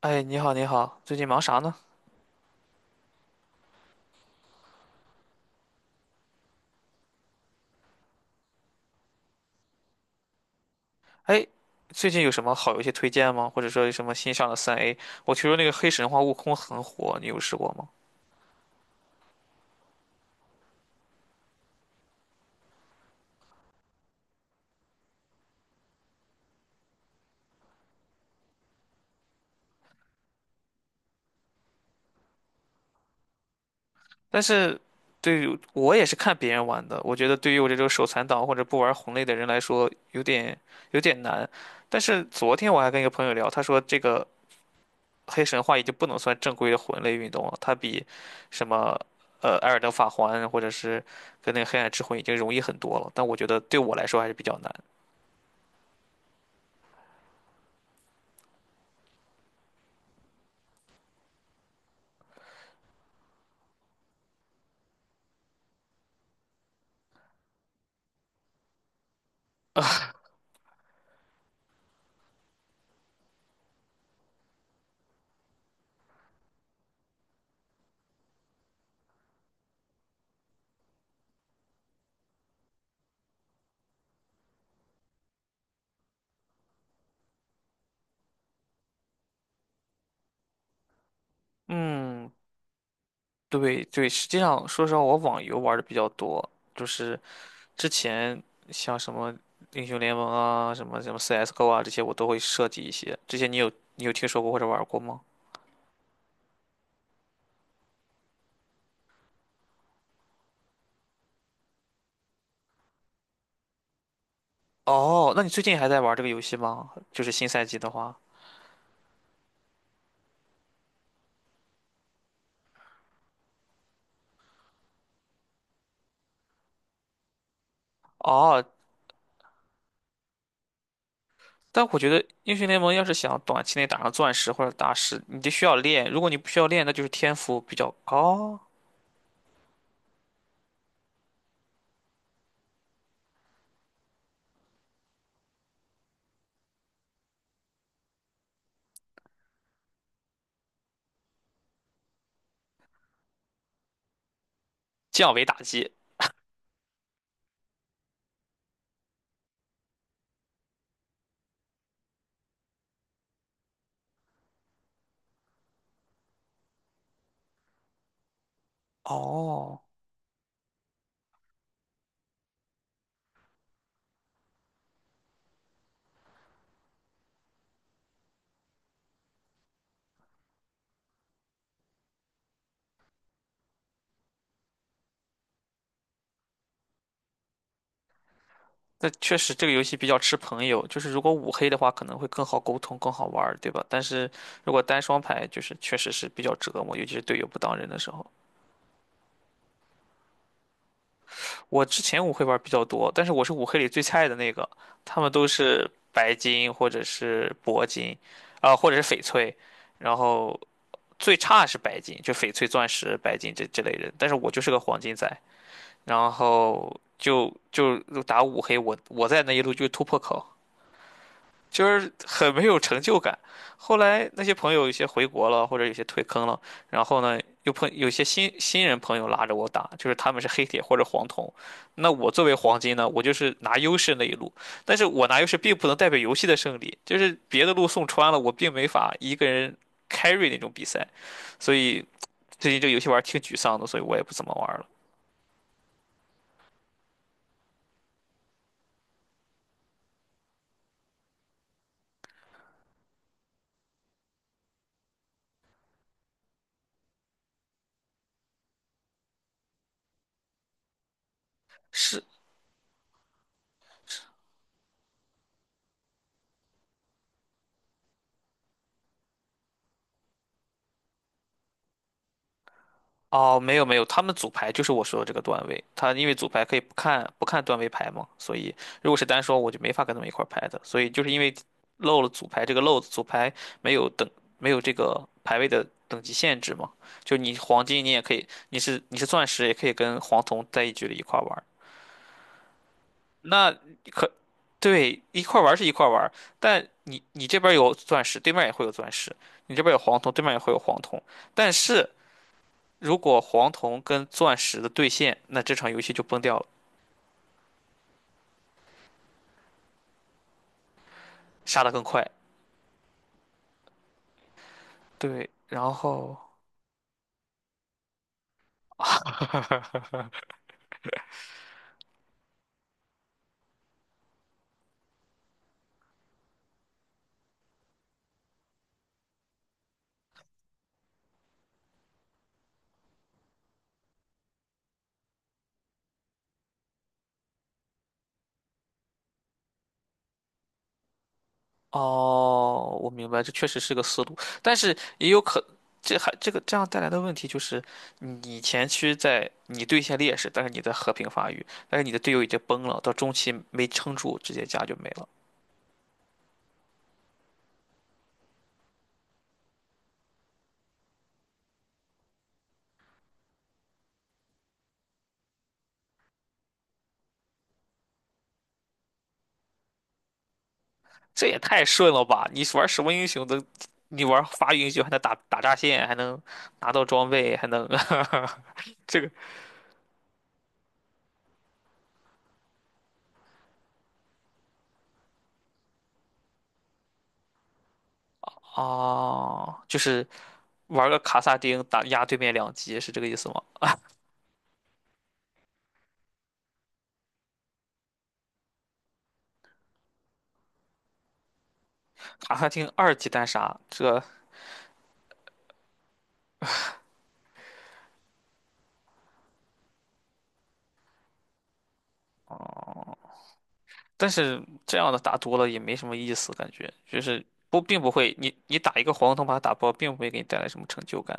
哎，你好，你好，最近忙啥呢？哎，最近有什么好游戏推荐吗？或者说有什么新上的3A？我听说那个黑神话悟空很火，你有试过吗？但是对于我也是看别人玩的，我觉得对于我这种手残党或者不玩魂类的人来说，有点难。但是昨天我还跟一个朋友聊，他说这个黑神话已经不能算正规的魂类运动了，它比什么《艾尔登法环》或者是跟那个《黑暗之魂》已经容易很多了，但我觉得对我来说还是比较难。嗯，对对，实际上说实话，我网游玩的比较多，就是之前像什么英雄联盟啊、什么什么 CS:GO 啊这些，我都会设计一些。这些你有听说过或者玩过吗？哦，那你最近还在玩这个游戏吗？就是新赛季的话，哦，但我觉得英雄联盟要是想短期内打上钻石或者大师，你就需要练。如果你不需要练，那就是天赋比较高，降维打击。哦，那确实这个游戏比较吃朋友，就是如果五黑的话可能会更好沟通、更好玩儿，对吧？但是如果单双排，就是确实是比较折磨，尤其是队友不当人的时候。我之前五黑玩儿比较多，但是我是五黑里最菜的那个，他们都是白金或者是铂金，啊、或者是翡翠，然后最差是白金，就翡翠、钻石、白金这类人，但是我就是个黄金仔，然后就打五黑，我在那一路就是突破口。就是很没有成就感。后来那些朋友有些回国了，或者有些退坑了，然后呢，又碰有些新人朋友拉着我打，就是他们是黑铁或者黄铜，那我作为黄金呢，我就是拿优势那一路，但是我拿优势并不能代表游戏的胜利，就是别的路送穿了，我并没法一个人 carry 那种比赛，所以最近这个游戏玩儿挺沮丧的，所以我也不怎么玩儿了。是哦，没有没有，他们组牌就是我说的这个段位，他因为组牌可以不看段位牌嘛，所以如果是单说我就没法跟他们一块儿拍的，所以就是因为漏了组牌这个漏子，组牌没有等没有这个排位的等级限制嘛，就你黄金你也可以，你是钻石也可以跟黄铜在一局里一块儿玩儿。那可对一块儿玩儿是一块儿玩儿，但你这边儿有钻石，对面也会有钻石，你这边儿有黄铜，对面也会有黄铜，但是。如果黄铜跟钻石的对线，那这场游戏就崩掉了，杀得更快。对，然后哦，我明白，这确实是个思路，但是也有可，这这样带来的问题就是，你前期在你对线劣势，但是你在和平发育，但是你的队友已经崩了，到中期没撑住，直接家就没了，这也太顺了吧？你玩什么英雄都，你玩发育英雄还能打打炸线，还能拿到装备，还能 这个哦，就是玩个卡萨丁打压对面2级是这个意思吗？卡萨丁2级单杀，这但是这样的打多了也没什么意思，感觉就是不会，你打一个黄铜把它打爆，并不会给你带来什么成就感。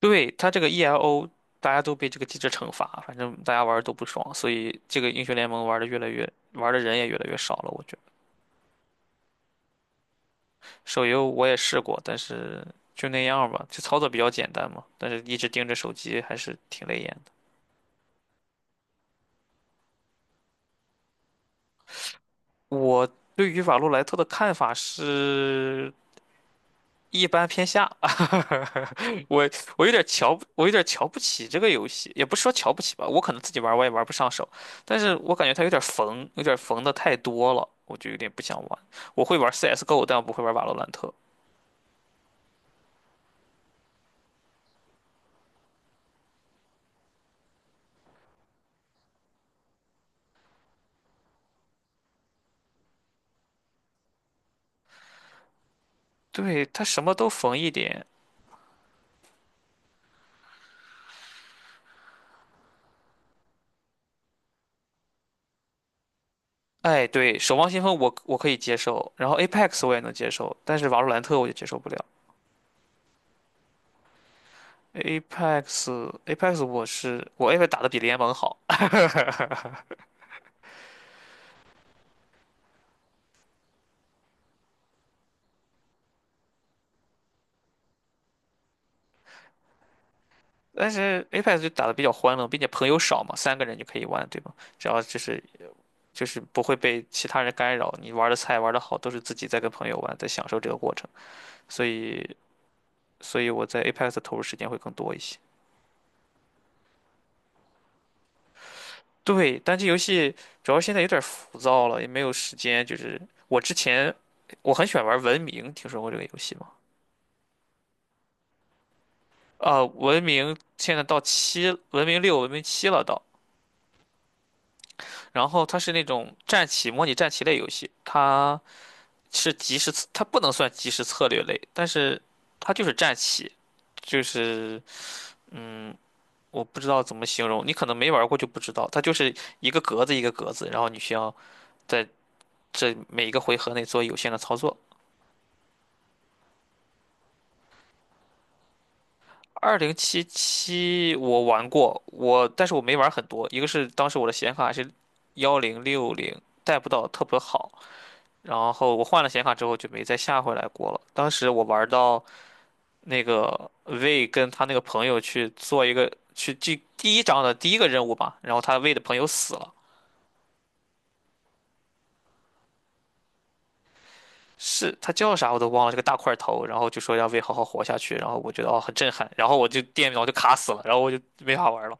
对，它这个 ELO，大家都被这个机制惩罚，反正大家玩的都不爽，所以这个英雄联盟玩的人也越来越少了。我觉得手游我也试过，但是就那样吧，就操作比较简单嘛，但是一直盯着手机还是挺累眼的。我对于瓦洛莱特的看法是一般偏下，我我有点瞧不起这个游戏，也不是说瞧不起吧，我可能自己玩儿我也玩不上手，但是我感觉它有点缝，有点缝的太多了，我就有点不想玩。我会玩 CS:GO，但我不会玩瓦洛兰特。对，它什么都缝一点。哎，对，守望先锋我我可以接受，然后 Apex 我也能接受，但是瓦洛兰特我就接受不了。Apex Apex 我是我 Apex 打的比联盟好，但是 Apex 就打的比较欢乐，并且朋友少嘛，三个人就可以玩，对吗？只要就是就是不会被其他人干扰，你玩的菜玩的好，都是自己在跟朋友玩，在享受这个过程。所以，所以我在 Apex 的投入时间会更多一些。对，单机游戏主要现在有点浮躁了，也没有时间。就是我之前我很喜欢玩文明，听说过这个游戏吗？啊，《文明现在到七，文明六、文明七了到，然后它是那种战棋模拟战棋类游戏，它。是即时，它不能算即时策略类，但是它就是战棋，就是嗯，我不知道怎么形容，你可能没玩过就不知道，它就是一个格子一个格子，然后你需要在这每一个回合内做有限的操作。2077我玩过，但是我没玩很多，一个是当时我的显卡是1060，带不到特别好，然后我换了显卡之后就没再下回来过了。当时我玩到那个魏跟他那个朋友去做一个去第一章的第一个任务吧，然后他魏的朋友死了，是他叫啥我都忘了，这个大块头，然后就说让魏好好活下去，然后我觉得哦很震撼，然后我就电脑就卡死了，然后我就没法玩了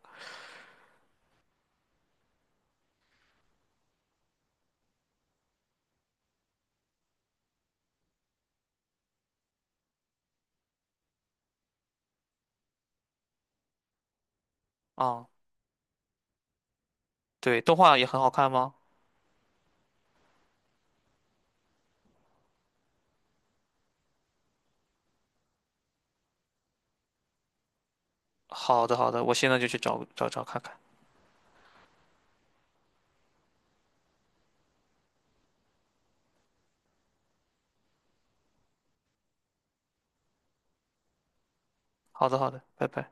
啊。对，动画也很好看吗？好的好的，我现在就去找找找看看。好的好的，拜拜。